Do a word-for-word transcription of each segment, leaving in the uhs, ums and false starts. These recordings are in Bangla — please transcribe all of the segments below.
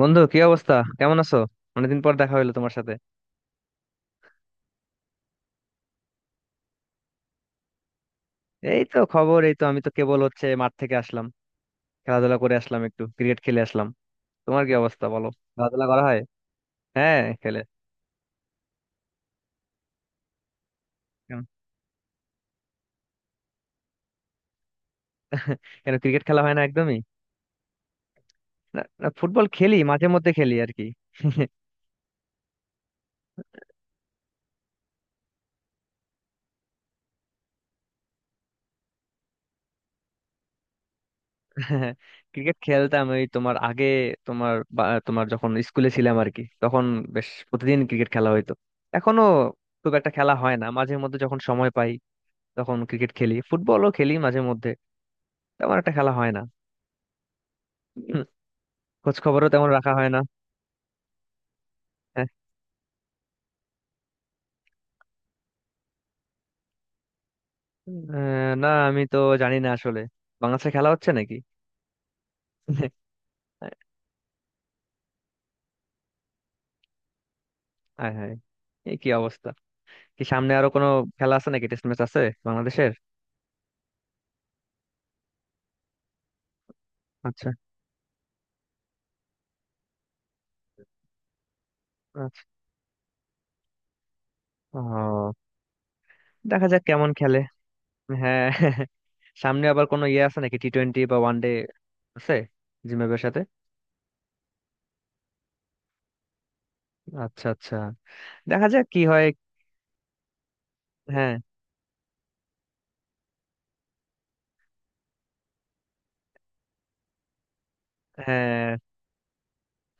বন্ধু কি অবস্থা? কেমন আছো? অনেকদিন পর দেখা হইলো তোমার সাথে। এই তো খবর, এই তো আমি তো কেবল হচ্ছে মাঠ থেকে আসলাম। খেলাধুলা করে আসলাম, একটু ক্রিকেট খেলে আসলাম। তোমার কি অবস্থা বলো? খেলাধুলা করা হয়? হ্যাঁ, খেলে। কেন? কেন ক্রিকেট খেলা হয় না একদমই? না না, ফুটবল খেলি, মাঝে মধ্যে খেলি আর কি। ক্রিকেট খেলতাম ওই তোমার আগে। তোমার বা- তোমার যখন স্কুলে ছিলাম আর কি, তখন বেশ প্রতিদিন ক্রিকেট খেলা হইতো। এখনো খুব একটা খেলা হয় না, মাঝে মধ্যে যখন সময় পাই তখন ক্রিকেট খেলি, ফুটবলও খেলি মাঝে মধ্যে। তেমন একটা খেলা হয় না। হুম, খোঁজ খবরও তেমন রাখা হয় না। হ্যাঁ। আহ, না আমি তো জানি না আসলে বাংলাদেশে খেলা হচ্ছে নাকি। হায় হায়! এই কি অবস্থা! কি সামনে আরো কোনো খেলা আছে নাকি? টেস্ট ম্যাচ আছে বাংলাদেশের? আচ্ছা আচ্ছা। ও, দেখা যাক কেমন খেলে। হ্যাঁ। সামনে আবার কোনো ইয়ে আছে নাকি? টি টোয়েন্টি বা ওয়ান ডে আছে জিম্বাবুয়ের সাথে? আচ্ছা আচ্ছা, দেখা যাক কি হয়। হ্যাঁ হ্যাঁ।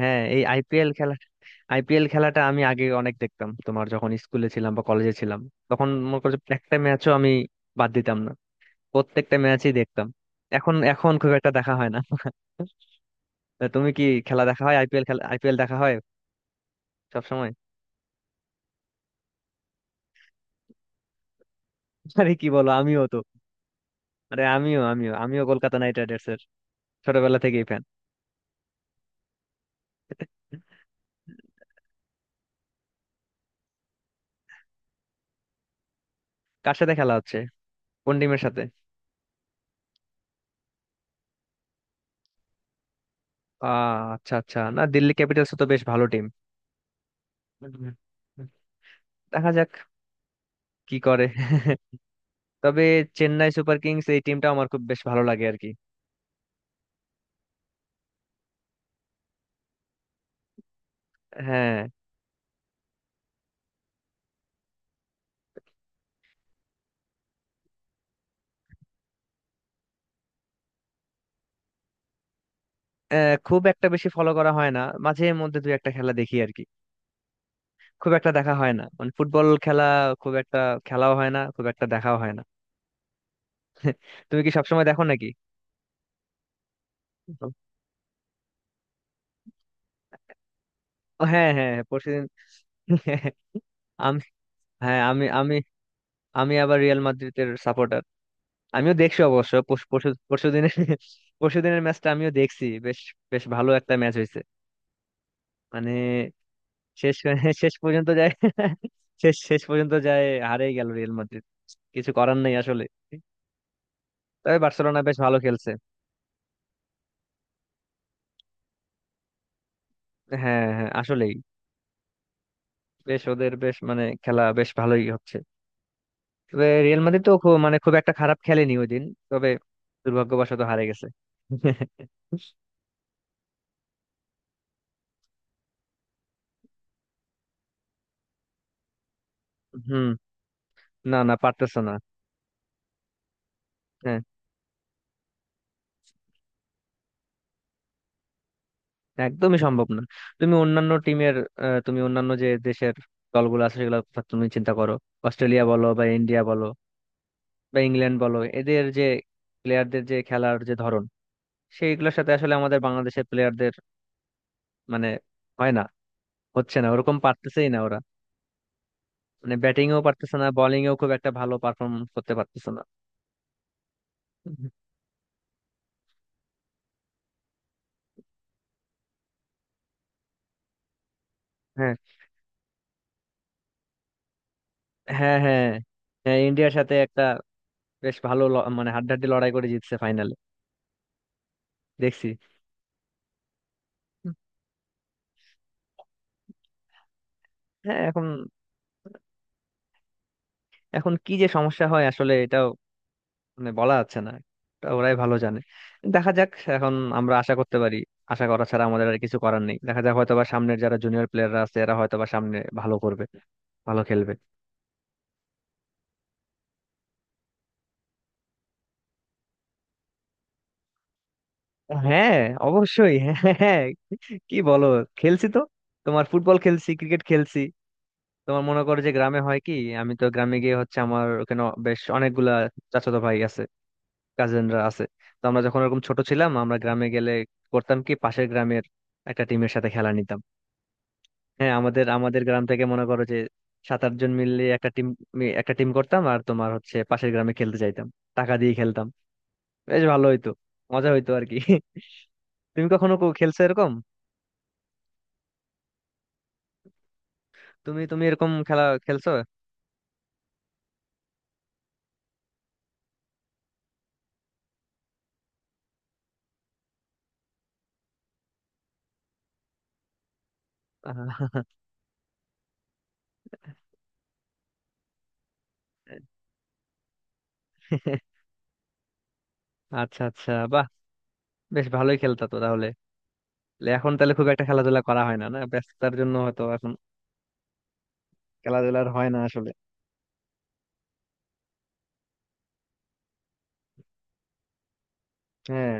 হ্যাঁ এই আইপিএল খেলা। আইপিএল খেলাটা আমি আগে অনেক দেখতাম, তোমার যখন স্কুলে ছিলাম বা কলেজে ছিলাম। তখন মনে করো যে একটা ম্যাচও আমি বাদ দিতাম না, প্রত্যেকটা ম্যাচই দেখতাম। এখন এখন খুব একটা দেখা হয় না। তা তুমি কি খেলা দেখা হয়? আইপিএল খেলা, আইপিএল দেখা হয় সব সময়? আরে কি বলো, আমিও তো! আরে আমিও আমিও আমিও কলকাতা নাইট রাইডার্স এর ছোটবেলা থেকেই ফ্যান। কার সাথে খেলা হচ্ছে? কোন টিমের সাথে? আহ আচ্ছা আচ্ছা, না দিল্লি ক্যাপিটালস তো বেশ ভালো টিম। দেখা যাক কি করে। তবে চেন্নাই সুপার কিংস এই টিমটা আমার খুব বেশ ভালো লাগে আর কি। হ্যাঁ। আহ, খুব একটা বেশি ফলো করা হয় না, মাঝে মধ্যে দুই একটা খেলা দেখি আর কি। খুব একটা দেখা হয় না, মানে ফুটবল খেলা খুব একটা। খেলাও হয় না খুব একটা, দেখাও হয় না। তুমি কি সবসময় দেখো নাকি? ও। হ্যাঁ হ্যাঁ হ্যাঁ, পরশুদিন। আমি, হ্যাঁ আমি আমি। আমি আবার রিয়াল মাদ্রিদের সাপোর্টার। আমিও দেখছি অবশ্য পরশু পরশু পরশুদিনের। পরশুদিনের ম্যাচটা আমিও দেখছি। বেশ বেশ ভালো একটা ম্যাচ হয়েছে, মানে। শেষ শেষ পর্যন্ত যায়। শেষ শেষ পর্যন্ত যায়, হারেই গেল রিয়াল মাদ্রিদ। কিছু করার নেই আসলে। তবে বার্সেলোনা বেশ ভালো খেলছে। হ্যাঁ হ্যাঁ আসলেই। বেশ ওদের বেশ, মানে খেলা বেশ ভালোই হচ্ছে। তবে রিয়াল মাদ্রিদ তো খুব, মানে খুব একটা খারাপ খেলেনি ওই দিন। তবে দুর্ভাগ্যবশত হারে গেছে। হুম। না না পারতেছো না। হ্যাঁ একদমই সম্ভব না। তুমি অন্যান্য টিমের, আহ, তুমি অন্যান্য যে দেশের দলগুলো আছে সেগুলো কথা তুমি চিন্তা করো। অস্ট্রেলিয়া বলো বা ইন্ডিয়া বলো বা ইংল্যান্ড বলো, এদের যে প্লেয়ারদের যে খেলার যে ধরন, সেইগুলোর সাথে আসলে আমাদের বাংলাদেশের প্লেয়ারদের মানে হয় না। হচ্ছে না, ওরকম পারতেছেই না ওরা। মানে ব্যাটিং এও পারতেছে না, বোলিং এও খুব একটা ভালো পারফরমেন্স করতে পারতেছে না। হ্যাঁ হ্যাঁ হ্যাঁ। হ্যাঁ ইন্ডিয়ার সাথে একটা বেশ ভালো ল- মানে হাড্ডাহাড্ডি লড়াই করে জিতছে ফাইনালে, দেখছি। হ্যাঁ। এখন এখন কি যে সমস্যা হয় আসলে এটাও মানে বলা যাচ্ছে না, এটা ওরাই ভালো জানে। দেখা যাক, এখন আমরা আশা করতে পারি। আশা করা ছাড়া আমাদের আর কিছু করার নেই। দেখা যাক হয়তোবা সামনের যারা জুনিয়র প্লেয়াররা আছে এরা হয়তোবা সামনে ভালো করবে, ভালো খেলবে। হ্যাঁ অবশ্যই। হ্যাঁ হ্যাঁ, হ্যাঁ। কি বলো, খেলছি তো। তোমার ফুটবল খেলছি, ক্রিকেট খেলছি। তোমার মনে করো যে গ্রামে হয় কি, আমি তো গ্রামে গিয়ে হচ্ছে আমার ওখানে বেশ অনেকগুলা চাচাতো ভাই আছে, কাজিনরা আছে। তো আমরা যখন এরকম ছোট ছিলাম আমরা গ্রামে গেলে করতাম কি পাশের গ্রামের একটা টিমের সাথে খেলা নিতাম। হ্যাঁ আমাদের আমাদের গ্রাম থেকে মনে করো যে সাত আট জন মিলে একটা টিম একটা টিম করতাম আর তোমার হচ্ছে পাশের গ্রামে খেলতে যাইতাম। টাকা দিয়ে খেলতাম, বেশ ভালো হইতো, মজা হইতো আর কি। তুমি কখনো কো- খেলছো এরকম? তুমি তুমি এরকম খেলা খেলছো? আহ, আচ্ছা আচ্ছা, বাহ! বেশ ভালোই খেলতা তো তাহলে। তাহলে এখন তাহলে খুব একটা খেলাধুলা করা হয় না? না, ব্যস্ততার জন্য হয়তো এখন খেলাধুলার হয় না আসলে। হ্যাঁ।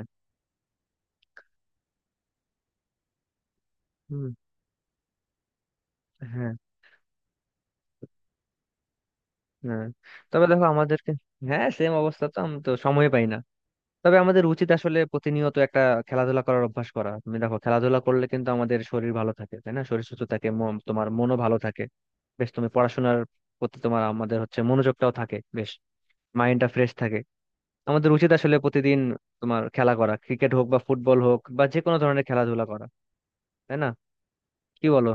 হুম, হ্যাঁ হ্যাঁ তবে দেখো আমাদেরকে, হ্যাঁ সেম অবস্থা তো আমি তো সময় পাই না। তবে আমাদের উচিত আসলে প্রতিনিয়ত একটা খেলাধুলা করার অভ্যাস করা। তুমি দেখো খেলাধুলা করলে কিন্তু আমাদের শরীর ভালো থাকে, তাই না? শরীর সুস্থ থাকে, মন তোমার মনও ভালো থাকে। বেশ তুমি পড়াশোনার প্রতি তোমার আমাদের হচ্ছে মনোযোগটাও থাকে বেশ, মাইন্ডটা ফ্রেশ থাকে। আমাদের উচিত আসলে প্রতিদিন তোমার খেলা করা, ক্রিকেট হোক বা ফুটবল হোক বা যে কোনো ধরনের খেলাধুলা করা। তাই না? কি বলো।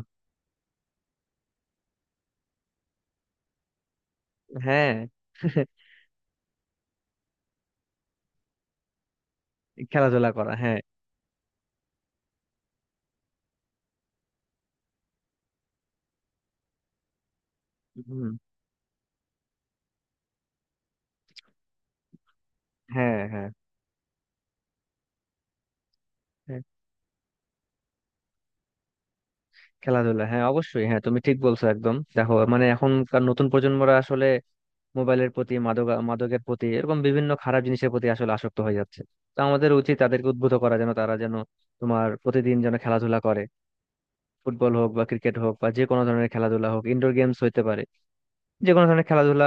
হ্যাঁ। খেলাধুলা করা, হ্যাঁ। হুম, হ্যাঁ হ্যাঁ হ্যাঁ, খেলাধুলা, হ্যাঁ অবশ্যই। হ্যাঁ তুমি ঠিক বলছো একদম। দেখো মানে এখনকার নতুন প্রজন্মরা আসলে মোবাইলের প্রতি, মাদক মাদকের প্রতি, এরকম বিভিন্ন খারাপ জিনিসের প্রতি আসলে আসক্ত হয়ে যাচ্ছে। তো আমাদের উচিত তাদেরকে উদ্বুদ্ধ করা যেন তারা যেন তোমার প্রতিদিন যেন খেলাধুলা করে। ফুটবল হোক বা ক্রিকেট হোক বা যে কোনো ধরনের খেলাধুলা হোক, ইনডোর গেমস হইতে পারে, যে কোনো ধরনের খেলাধুলা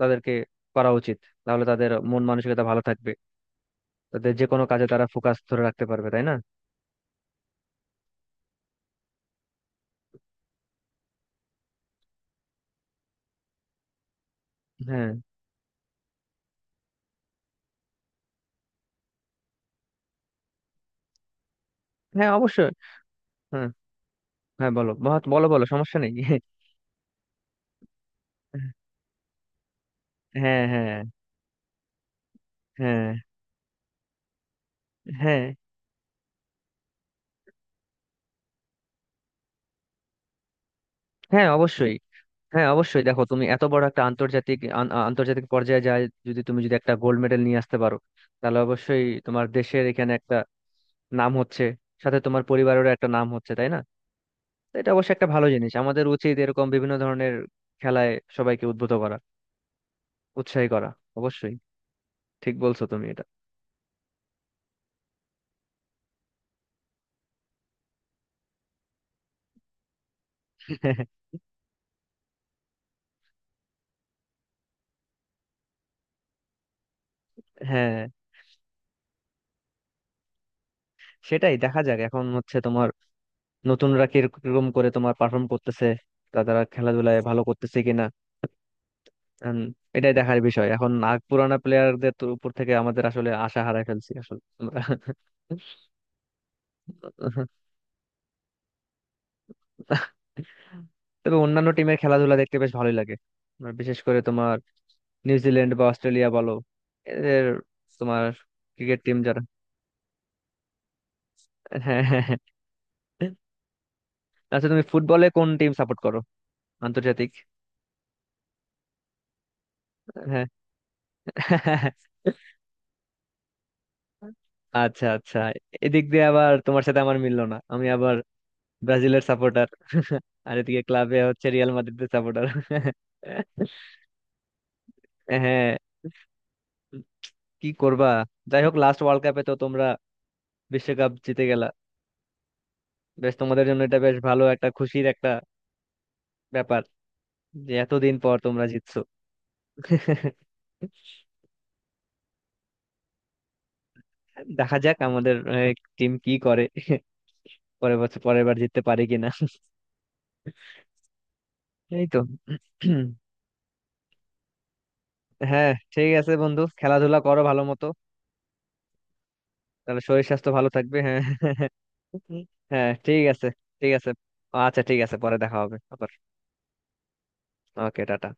তাদেরকে করা উচিত। তাহলে তাদের মন মানসিকতা ভালো থাকবে, তাদের যে কোনো কাজে তারা ফোকাস ধরে রাখতে পারবে, তাই না? হ্যাঁ হ্যাঁ অবশ্যই। হ্যাঁ হ্যাঁ বলো, মহৎ বলো, বলো সমস্যা নেই। হ্যাঁ হ্যাঁ হ্যাঁ। হ্যাঁ হ্যাঁ অবশ্যই। হ্যাঁ অবশ্যই। দেখো তুমি এত বড় একটা আন্তর্জাতিক আন- আ- আন্তর্জাতিক পর্যায়ে যায়, যদি তুমি যদি একটা গোল্ড মেডেল নিয়ে আসতে পারো, তাহলে অবশ্যই তোমার দেশের এখানে একটা নাম হচ্ছে, সাথে তোমার পরিবারেরও একটা নাম হচ্ছে, তাই না? তো এটা অবশ্যই একটা ভালো জিনিস। আমাদের উচিত এরকম বিভিন্ন ধরনের খেলায় সবাইকে উদ্বুদ্ধ করা, উৎসাহী করা। অবশ্যই ঠিক বলছো তুমি এটা। হ্যাঁ সেটাই, দেখা যাক এখন হচ্ছে তোমার নতুনরা কিরকম করে তোমার পারফর্ম করতেছে, তা তারা খেলাধুলায় ভালো করতেছে কিনা। উম, এটাই দেখার বিষয়। এখন নাগ পুরানা প্লেয়ারদের উপর থেকে আমাদের আসলে আশা হারাই ফেলছি আসলে আমরা। তবে অন্যান্য টিমের খেলাধুলা দেখতে বেশ ভালোই লাগে, আর বিশেষ করে তোমার নিউজিল্যান্ড বা অস্ট্রেলিয়া বলো, এদের তোমার ক্রিকেট টিম যারা। হ্যাঁ হ্যাঁ হ্যাঁ। আচ্ছা তুমি ফুটবলে কোন টিম সাপোর্ট করো? আন্তর্জাতিক? হ্যাঁ। আচ্ছা আচ্ছা, এদিক দিয়ে আবার তোমার সাথে আমার মিললো না, আমি আবার ব্রাজিলের সাপোর্টার। আর এদিকে ক্লাবে হচ্ছে রিয়াল মাদ্রিদের সাপোর্টার। হ্যাঁ কি করবা, যাই হোক লাস্ট ওয়ার্ল্ড কাপে তো তোমরা বিশ্বকাপ জিতে গেলা। বেশ তোমাদের জন্য এটা বেশ ভালো একটা খুশির একটা ব্যাপার যে এতদিন পর তোমরা জিতছো। দেখা যাক আমাদের টিম কি করে, পরের বছর পরের বার জিততে পারে কিনা। এই তো। হ্যাঁ ঠিক আছে বন্ধু, খেলাধুলা করো ভালো মতো। তাহলে শরীর স্বাস্থ্য ভালো থাকবে, হ্যাঁ। হ্যাঁ ঠিক আছে। ঠিক আছে। আচ্ছা ঠিক আছে, পরে দেখা হবে আবার। ওকে, টাটা।